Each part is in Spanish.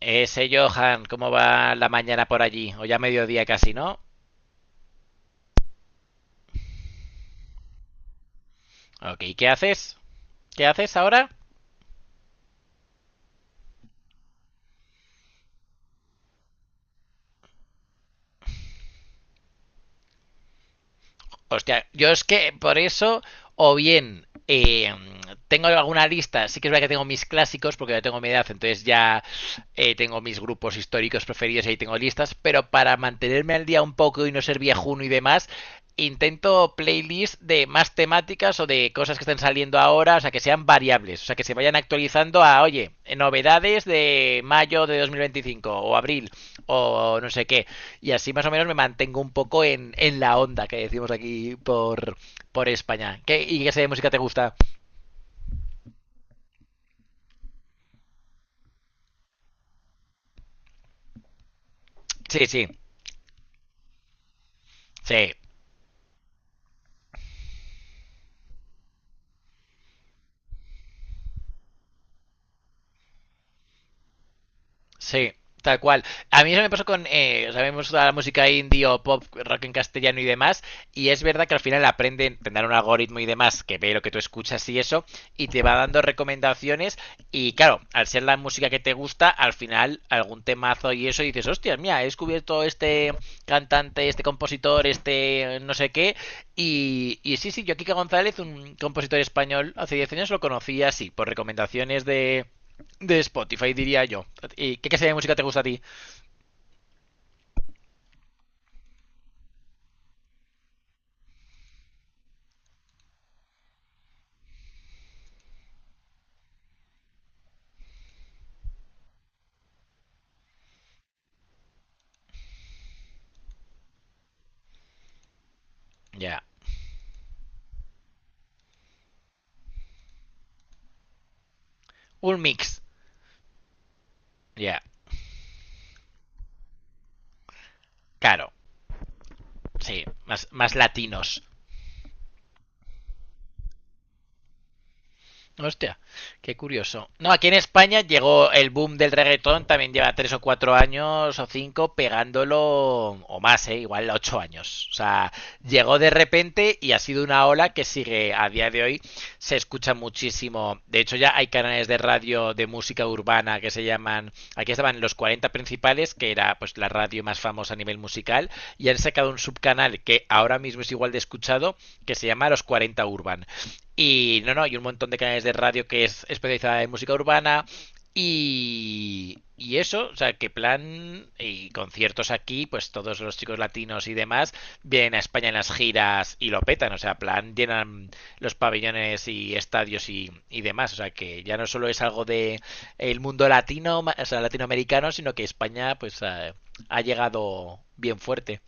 Sé, Johan, ¿cómo va la mañana por allí? O ya mediodía casi, ¿no? Ok, ¿qué haces? ¿Qué haces ahora? Hostia, yo es que por eso, o bien tengo alguna lista, sí que es verdad que tengo mis clásicos, porque ya tengo mi edad, entonces ya tengo mis grupos históricos preferidos y ahí tengo listas, pero para mantenerme al día un poco y no ser viejuno y demás, intento playlists de más temáticas o de cosas que estén saliendo ahora, o sea, que sean variables, o sea, que se vayan actualizando a, oye, novedades de mayo de 2025 o abril o no sé qué, y así más o menos me mantengo un poco en la onda que decimos aquí por España. ¿Y qué serie de música te gusta? Sí, sí, sí. Sí, tal cual. A mí eso me pasó con, o sea, vemos toda la música indie o pop, rock en castellano y demás, y es verdad que al final aprenden, tendrán un algoritmo y demás que ve lo que tú escuchas y eso, y te va dando recomendaciones, y claro, al ser la música que te gusta, al final algún temazo y eso, y dices, hostias, mira, he descubierto este cantante, este compositor, este no sé qué, y sí, sí, yo Kika González, un compositor español, hace 10 años lo conocí así, por recomendaciones de Spotify, diría yo. ¿Y qué clase de música te gusta a ti? Ya. Yeah. Un mix. Ya. Yeah. Claro. Sí. Más, más latinos. Hostia, qué curioso. No, aquí en España llegó el boom del reggaetón, también lleva 3 o 4 años o cinco pegándolo o más, ¿eh? Igual 8 años. O sea, llegó de repente y ha sido una ola que sigue a día de hoy. Se escucha muchísimo. De hecho, ya hay canales de radio de música urbana que se llaman. Aquí estaban los Cuarenta Principales, que era pues la radio más famosa a nivel musical, y han sacado un subcanal que ahora mismo es igual de escuchado, que se llama Los Cuarenta Urban. Y no, no, y un montón de canales de radio que es especializada en música urbana. Y eso, o sea, que plan y conciertos aquí, pues todos los chicos latinos y demás vienen a España en las giras y lo petan, o sea, plan llenan los pabellones y estadios y demás, o sea, que ya no solo es algo de el mundo latino, o sea, latinoamericano, sino que España pues ha, ha llegado bien fuerte.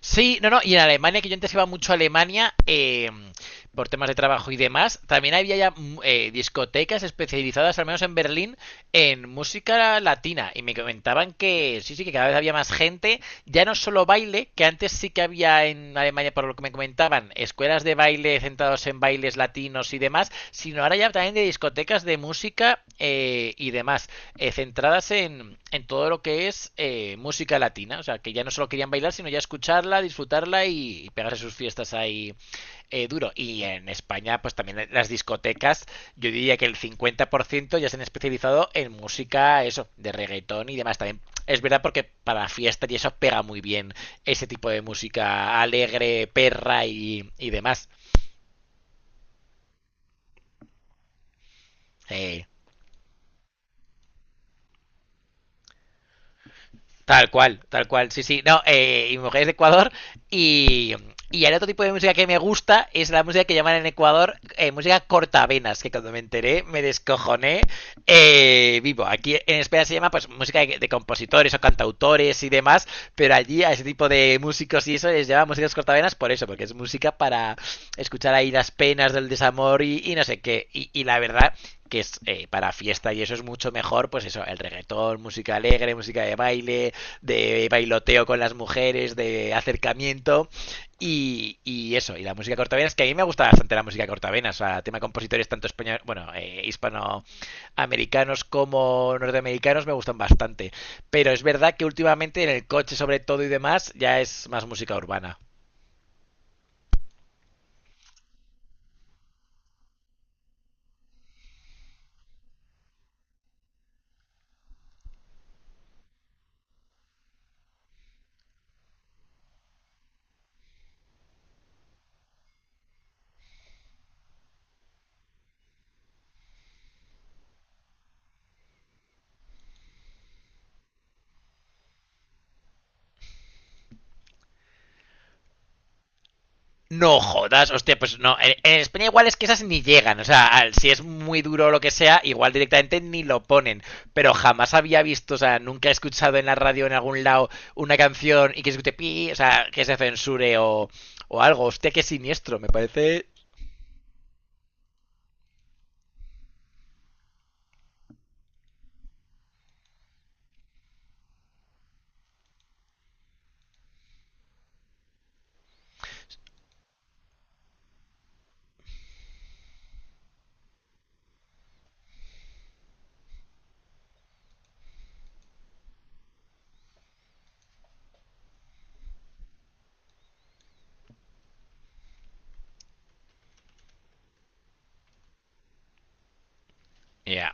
Sí, no, no, y en Alemania, que yo antes iba mucho a Alemania por temas de trabajo y demás, también había ya discotecas especializadas, al menos en Berlín, en música latina. Y me comentaban que sí, sí, que cada vez había más gente, ya no solo baile, que antes sí que había en Alemania, por lo que me comentaban, escuelas de baile centrados en bailes latinos y demás, sino ahora ya también de discotecas de música y demás centradas en todo lo que es música latina. O sea, que ya no solo querían bailar, sino ya escucharla, disfrutarla y pegarse sus fiestas ahí duro. Y en España, pues también las discotecas, yo diría que el 50% ya se han especializado en música, eso, de reggaetón y demás. También es verdad porque para fiestas y eso pega muy bien ese tipo de música alegre, perra y demás. Eh, tal cual, sí, sí. No, y mi mujer es de Ecuador. Y, y el otro tipo de música que me gusta es la música que llaman en Ecuador música cortavenas, que cuando me enteré me descojoné vivo. Aquí en España se llama pues música de compositores o cantautores y demás, pero allí a ese tipo de músicos y eso les llama músicas cortavenas por eso, porque es música para escuchar ahí las penas del desamor y no sé qué. Y la verdad que es para fiesta y eso es mucho mejor, pues eso, el reggaetón, música alegre, música de baile, de bailoteo con las mujeres, de acercamiento. Y, eso, y la música cortavenas, que a mí me gusta bastante la música cortavenas, o sea, tema de compositores tanto español, bueno, hispanoamericanos como norteamericanos me gustan bastante. Pero es verdad que últimamente en el coche sobre todo y demás ya es más música urbana. No jodas, hostia, pues no. En España igual es que esas ni llegan. O sea, si es muy duro o lo que sea, igual directamente ni lo ponen. Pero jamás había visto, o sea, nunca he escuchado en la radio en algún lado una canción y que se escuche pi, o sea, que se censure o algo. Hostia, qué siniestro, me parece. Ya.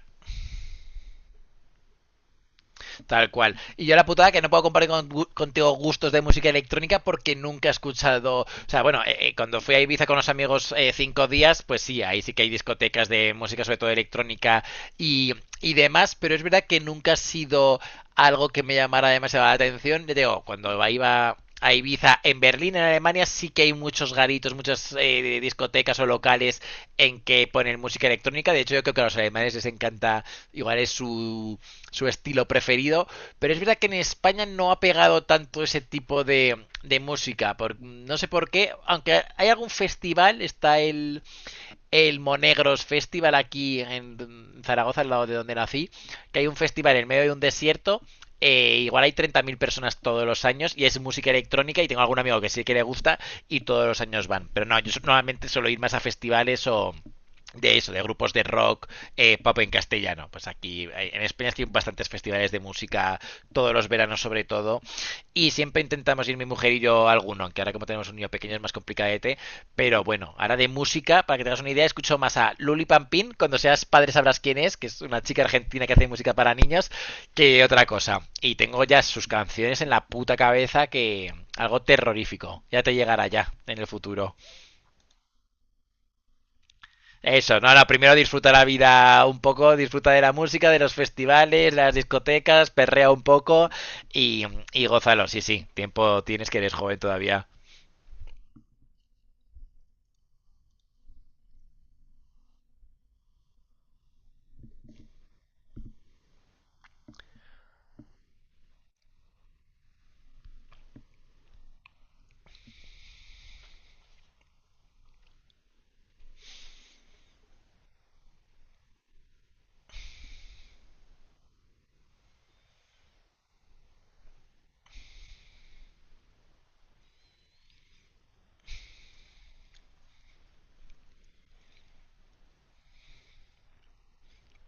Tal cual. Y yo la putada que no puedo compartir contigo gustos de música electrónica porque nunca he escuchado. O sea, bueno, cuando fui a Ibiza con los amigos 5 días, pues sí, ahí sí que hay discotecas de música, sobre todo electrónica y, y demás, pero es verdad que nunca ha sido algo que me llamara demasiado la atención. Ya digo, cuando iba a Ibiza, en Berlín, en Alemania, sí que hay muchos garitos, muchas discotecas o locales en que ponen música electrónica. De hecho, yo creo que a los alemanes les encanta, igual es su su estilo preferido, pero es verdad que en España no ha pegado tanto ese tipo de música, por, no sé por qué, aunque hay algún festival, está el Monegros Festival aquí en Zaragoza, al lado de donde nací, que hay un festival en medio de un desierto. Igual hay 30.000 personas todos los años y es música electrónica y tengo algún amigo que sí que le gusta y todos los años van. Pero no, normalmente suelo ir más a festivales o de eso, de grupos de rock, pop en castellano. Pues aquí en España hay bastantes festivales de música todos los veranos sobre todo y siempre intentamos ir mi mujer y yo a alguno, aunque ahora como tenemos un niño pequeño es más complicadete, pero bueno, ahora de música, para que te hagas una idea, escucho más a Luli Pampín, cuando seas padre sabrás quién es, que es una chica argentina que hace música para niños, que otra cosa. Y tengo ya sus canciones en la puta cabeza que algo terrorífico. Ya te llegará ya en el futuro. Eso, no, no, primero disfruta la vida un poco, disfruta de la música, de los festivales, las discotecas, perrea un poco y, y gózalo, sí, sí. Tiempo tienes que eres joven todavía.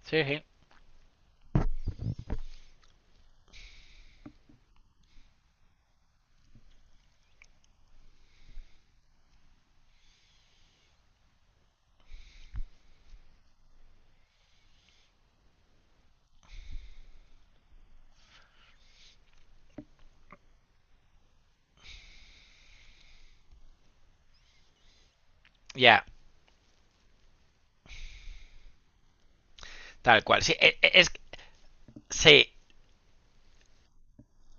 Sí, sí. Ya, tal cual. Sí, es sí,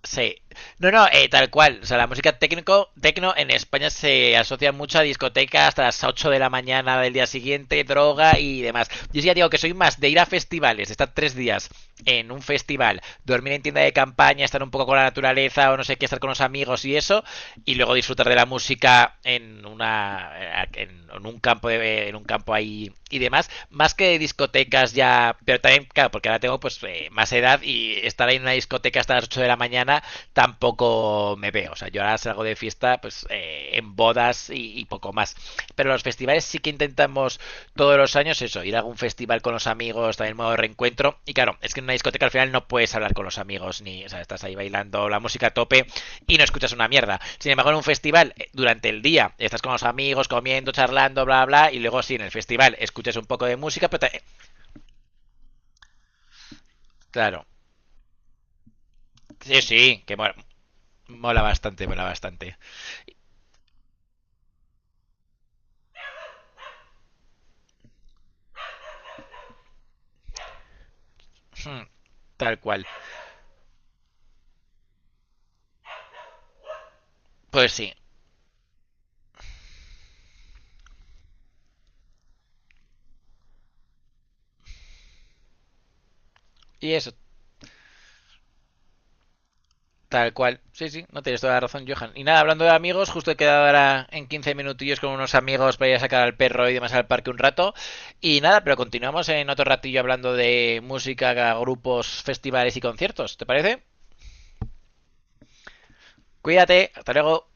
Sí. No, no, tal cual. O sea, tecno en España se asocia mucho a discotecas hasta las 8 de la mañana del día siguiente, droga y demás. Yo sí ya digo que soy más de ir a festivales, estar 3 días en un festival, dormir en tienda de campaña, estar un poco con la naturaleza o no sé qué, estar con los amigos y eso, y luego disfrutar de la música en una en un campo en un campo ahí y demás más que discotecas ya pero también claro porque ahora tengo pues más edad y estar ahí en una discoteca hasta las 8 de la mañana tampoco me veo. O sea, yo ahora salgo de fiesta pues en bodas y, poco más, pero los festivales sí que intentamos todos los años eso ir a algún festival con los amigos también modo de reencuentro. Y claro, es que en una discoteca al final no puedes hablar con los amigos ni, o sea, estás ahí bailando la música a tope y no escuchas una mierda. Sin embargo, en un festival, durante el día, estás con los amigos, comiendo, charlando, bla, bla, y luego sí, en el festival escuchas un poco de música, Claro, sí, sí, que mola, mola bastante, mola bastante. Hmm, tal cual. Pues sí, y eso, tal cual. Sí, sí, no tienes toda la razón, Johan. Y nada, hablando de amigos, justo he quedado ahora en 15 minutillos con unos amigos para ir a sacar al perro y demás al parque un rato. Y nada, pero continuamos en otro ratillo hablando de música, grupos, festivales y conciertos, ¿te parece? Cuídate, hasta luego.